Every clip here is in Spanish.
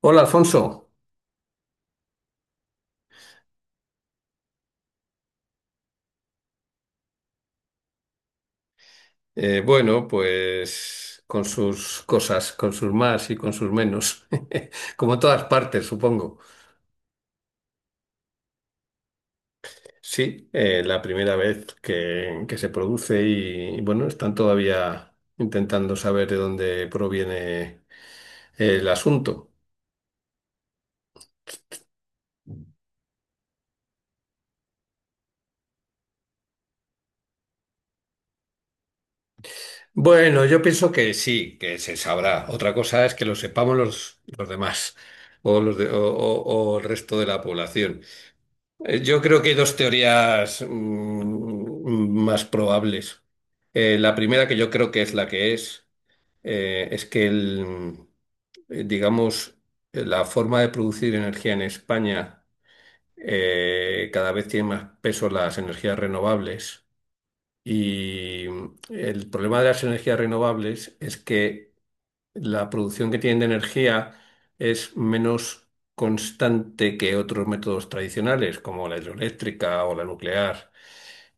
Hola Alfonso. Bueno, pues con sus cosas, con sus más y con sus menos, como en todas partes, supongo. Sí, la primera vez que se produce y, bueno, están todavía intentando saber de dónde proviene el asunto. Bueno, yo pienso que sí, que se sabrá. Otra cosa es que lo sepamos los demás o, los de- o el resto de la población. Yo creo que hay dos teorías más probables. La primera, que yo creo que es la que es que el, Digamos, la forma de producir energía en España cada vez tiene más peso las energías renovables. Y el problema de las energías renovables es que la producción que tienen de energía es menos constante que otros métodos tradicionales, como la hidroeléctrica o la nuclear.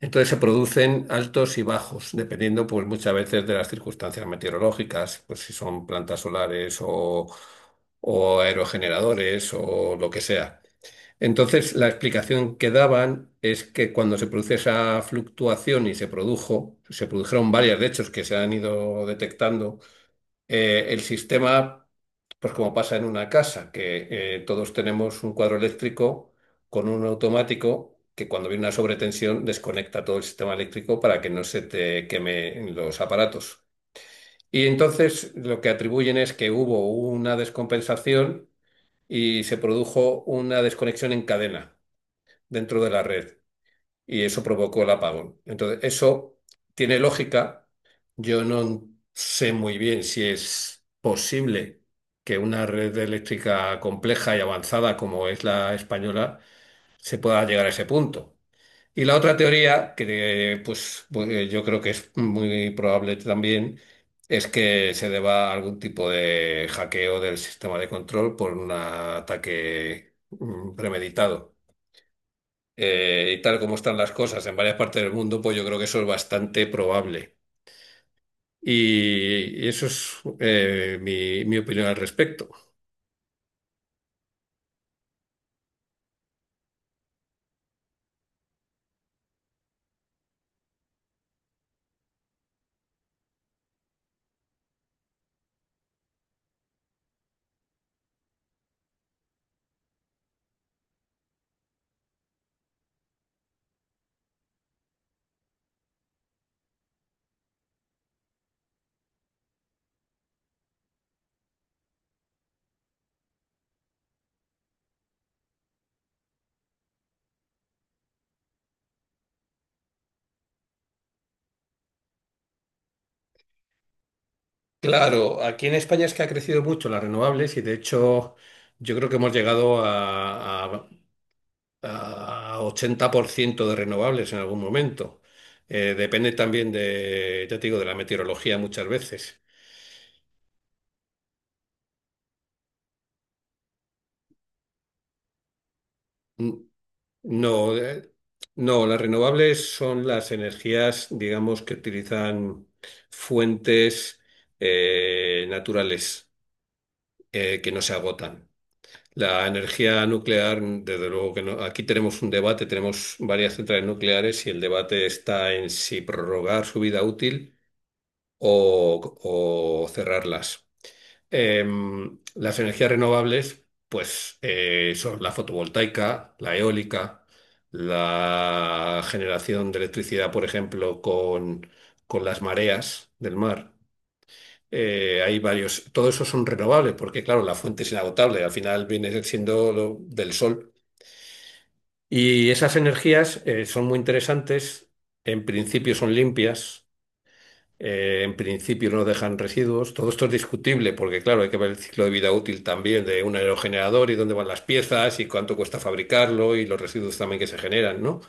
Entonces se producen altos y bajos, dependiendo pues muchas veces de las circunstancias meteorológicas, pues si son plantas solares o aerogeneradores o lo que sea. Entonces la explicación que daban es que cuando se produce esa fluctuación y se produjeron varias de hechos que se han ido detectando, eh, el sistema, pues como pasa en una casa, que todos tenemos un cuadro eléctrico con un automático que cuando viene una sobretensión desconecta todo el sistema eléctrico para que no se te quemen los aparatos. Y entonces lo que atribuyen es que hubo una descompensación y se produjo una desconexión en cadena dentro de la red y eso provocó el apagón. Entonces, eso tiene lógica. Yo no sé muy bien si es posible que una red eléctrica compleja y avanzada como es la española se pueda llegar a ese punto. Y la otra teoría, que yo creo que es muy probable también, es que se deba a algún tipo de hackeo del sistema de control por un ataque premeditado, y tal como están las cosas en varias partes del mundo, pues yo creo que eso es bastante probable. Y eso es mi opinión al respecto. Claro, aquí en España es que ha crecido mucho las renovables y de hecho yo creo que hemos llegado a 80% de renovables en algún momento. Depende también de, ya te digo, de la meteorología muchas veces. Mm, No, no, las renovables son las energías, digamos, que utilizan fuentes naturales que no se agotan. La energía nuclear, desde luego que no. Aquí tenemos un debate, tenemos varias centrales nucleares y el debate está en si prorrogar su vida útil o cerrarlas. Las energías renovables, pues son la fotovoltaica, la eólica, la generación de electricidad, por ejemplo, con las mareas del mar. Hay varios, todo eso son renovables, porque claro, la fuente es inagotable, al final viene siendo lo del sol. Y esas energías son muy interesantes, en principio son limpias, en principio no dejan residuos. Todo esto es discutible porque, claro, hay que ver el ciclo de vida útil también de un aerogenerador y dónde van las piezas y cuánto cuesta fabricarlo y los residuos también que se generan, ¿no?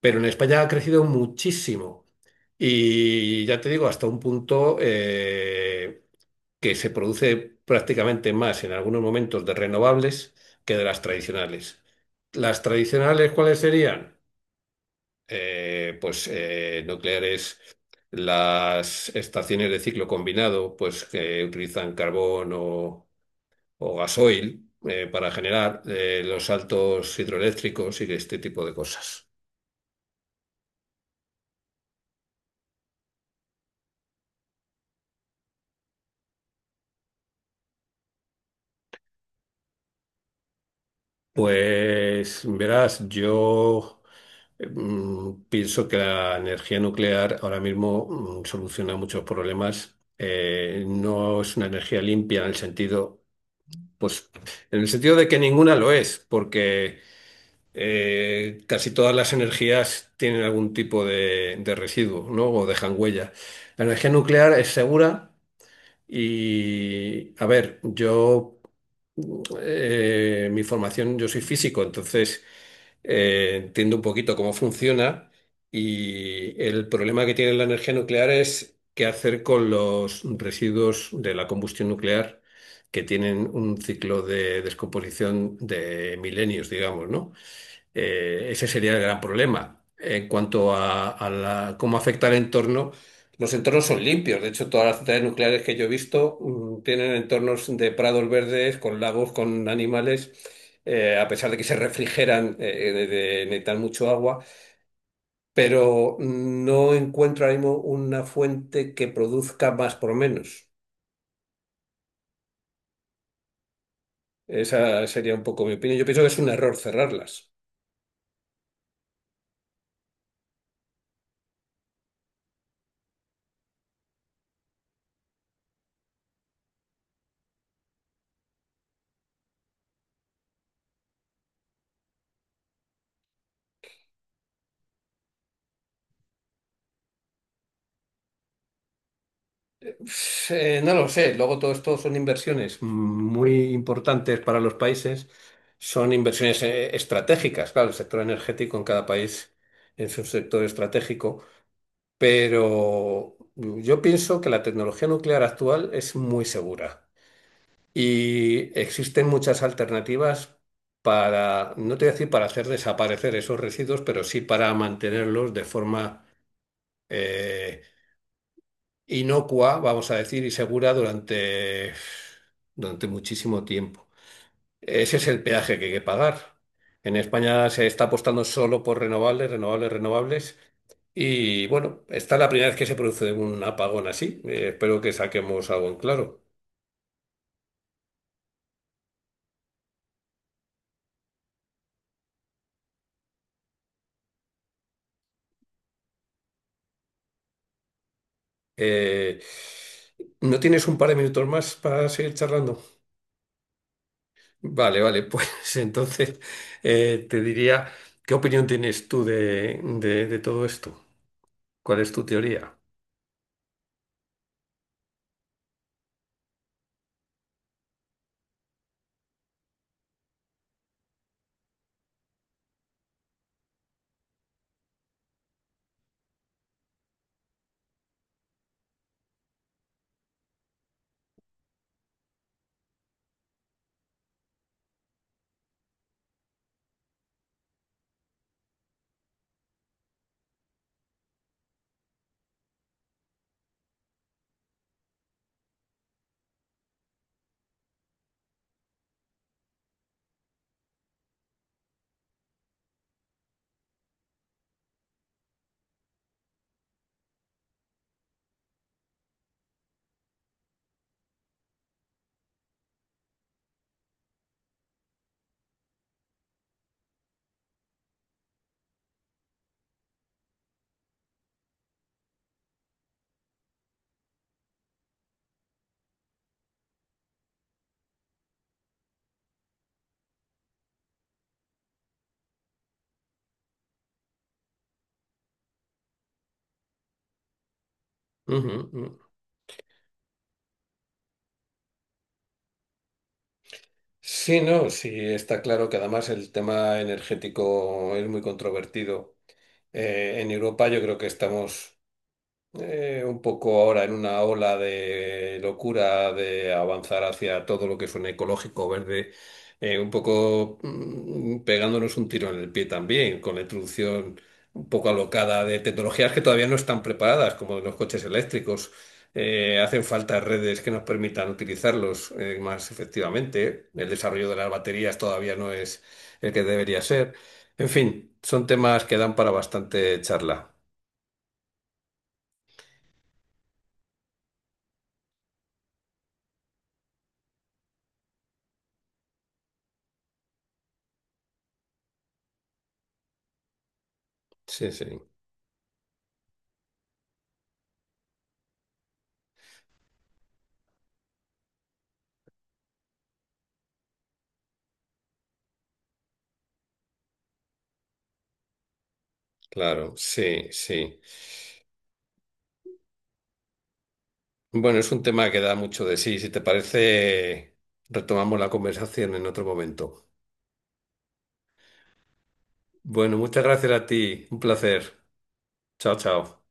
Pero en España ha crecido muchísimo y ya te digo, hasta un punto que se produce prácticamente más en algunos momentos de renovables que de las tradicionales. ¿Las tradicionales cuáles serían? Nucleares, las estaciones de ciclo combinado, pues que utilizan carbón o gasoil, para generar los saltos hidroeléctricos y este tipo de cosas. Pues verás, yo pienso que la energía nuclear ahora mismo soluciona muchos problemas. No es una energía limpia en el sentido. Pues en el sentido de que ninguna lo es, porque casi todas las energías tienen algún tipo de residuo, ¿no? O dejan huella. La energía nuclear es segura y a ver, mi formación, yo soy físico, entonces entiendo un poquito cómo funciona y el problema que tiene la energía nuclear es qué hacer con los residuos de la combustión nuclear, que tienen un ciclo de descomposición de milenios, digamos, ¿no? Ese sería el gran problema. En cuanto a la- cómo afecta el entorno, los entornos son limpios. De hecho, todas las centrales nucleares que yo he visto tienen entornos de prados verdes, con lagos, con animales, a pesar de que se refrigeran, de necesitar mucho agua. Pero no encuentro ahora mismo una fuente que produzca más por menos. Esa sería un poco mi opinión. Yo pienso que es un error cerrarlas. No lo sé. Luego todo esto son inversiones muy importantes para los países. Son inversiones estratégicas. Claro, el sector energético en cada país es un sector estratégico. Pero yo pienso que la tecnología nuclear actual es muy segura. Y existen muchas alternativas para, no te voy a decir para hacer desaparecer esos residuos, pero sí para mantenerlos de forma eh, inocua, vamos a decir, y segura durante, durante muchísimo tiempo. Ese es el peaje que hay que pagar. En España se está apostando solo por renovables, renovables, renovables. Y bueno, esta es la primera vez que se produce un apagón así. Espero que saquemos algo en claro. Eh, ¿No tienes un par de minutos más para seguir charlando? Vale, vale, pues entonces, te diría, ¿qué opinión tienes tú de todo esto? ¿Cuál es tu teoría? Ujú, ujú. Sí, no, sí, está claro que además el tema energético es muy controvertido. En Europa yo creo que estamos un poco ahora en una ola de locura de avanzar hacia todo lo que suene ecológico, verde, pegándonos un tiro en el pie también, con la introducción un poco alocada de tecnologías que todavía no están preparadas, como los coches eléctricos. Hacen falta redes que nos permitan utilizarlos más efectivamente. El desarrollo de las baterías todavía no es el que debería ser. En fin, son temas que dan para bastante charla. Sí, sí. Claro, sí, sí. Bueno, es un tema que da mucho de sí. Si te parece, retomamos la conversación en otro momento. Bueno, muchas gracias a ti. Un placer. Chao, chao.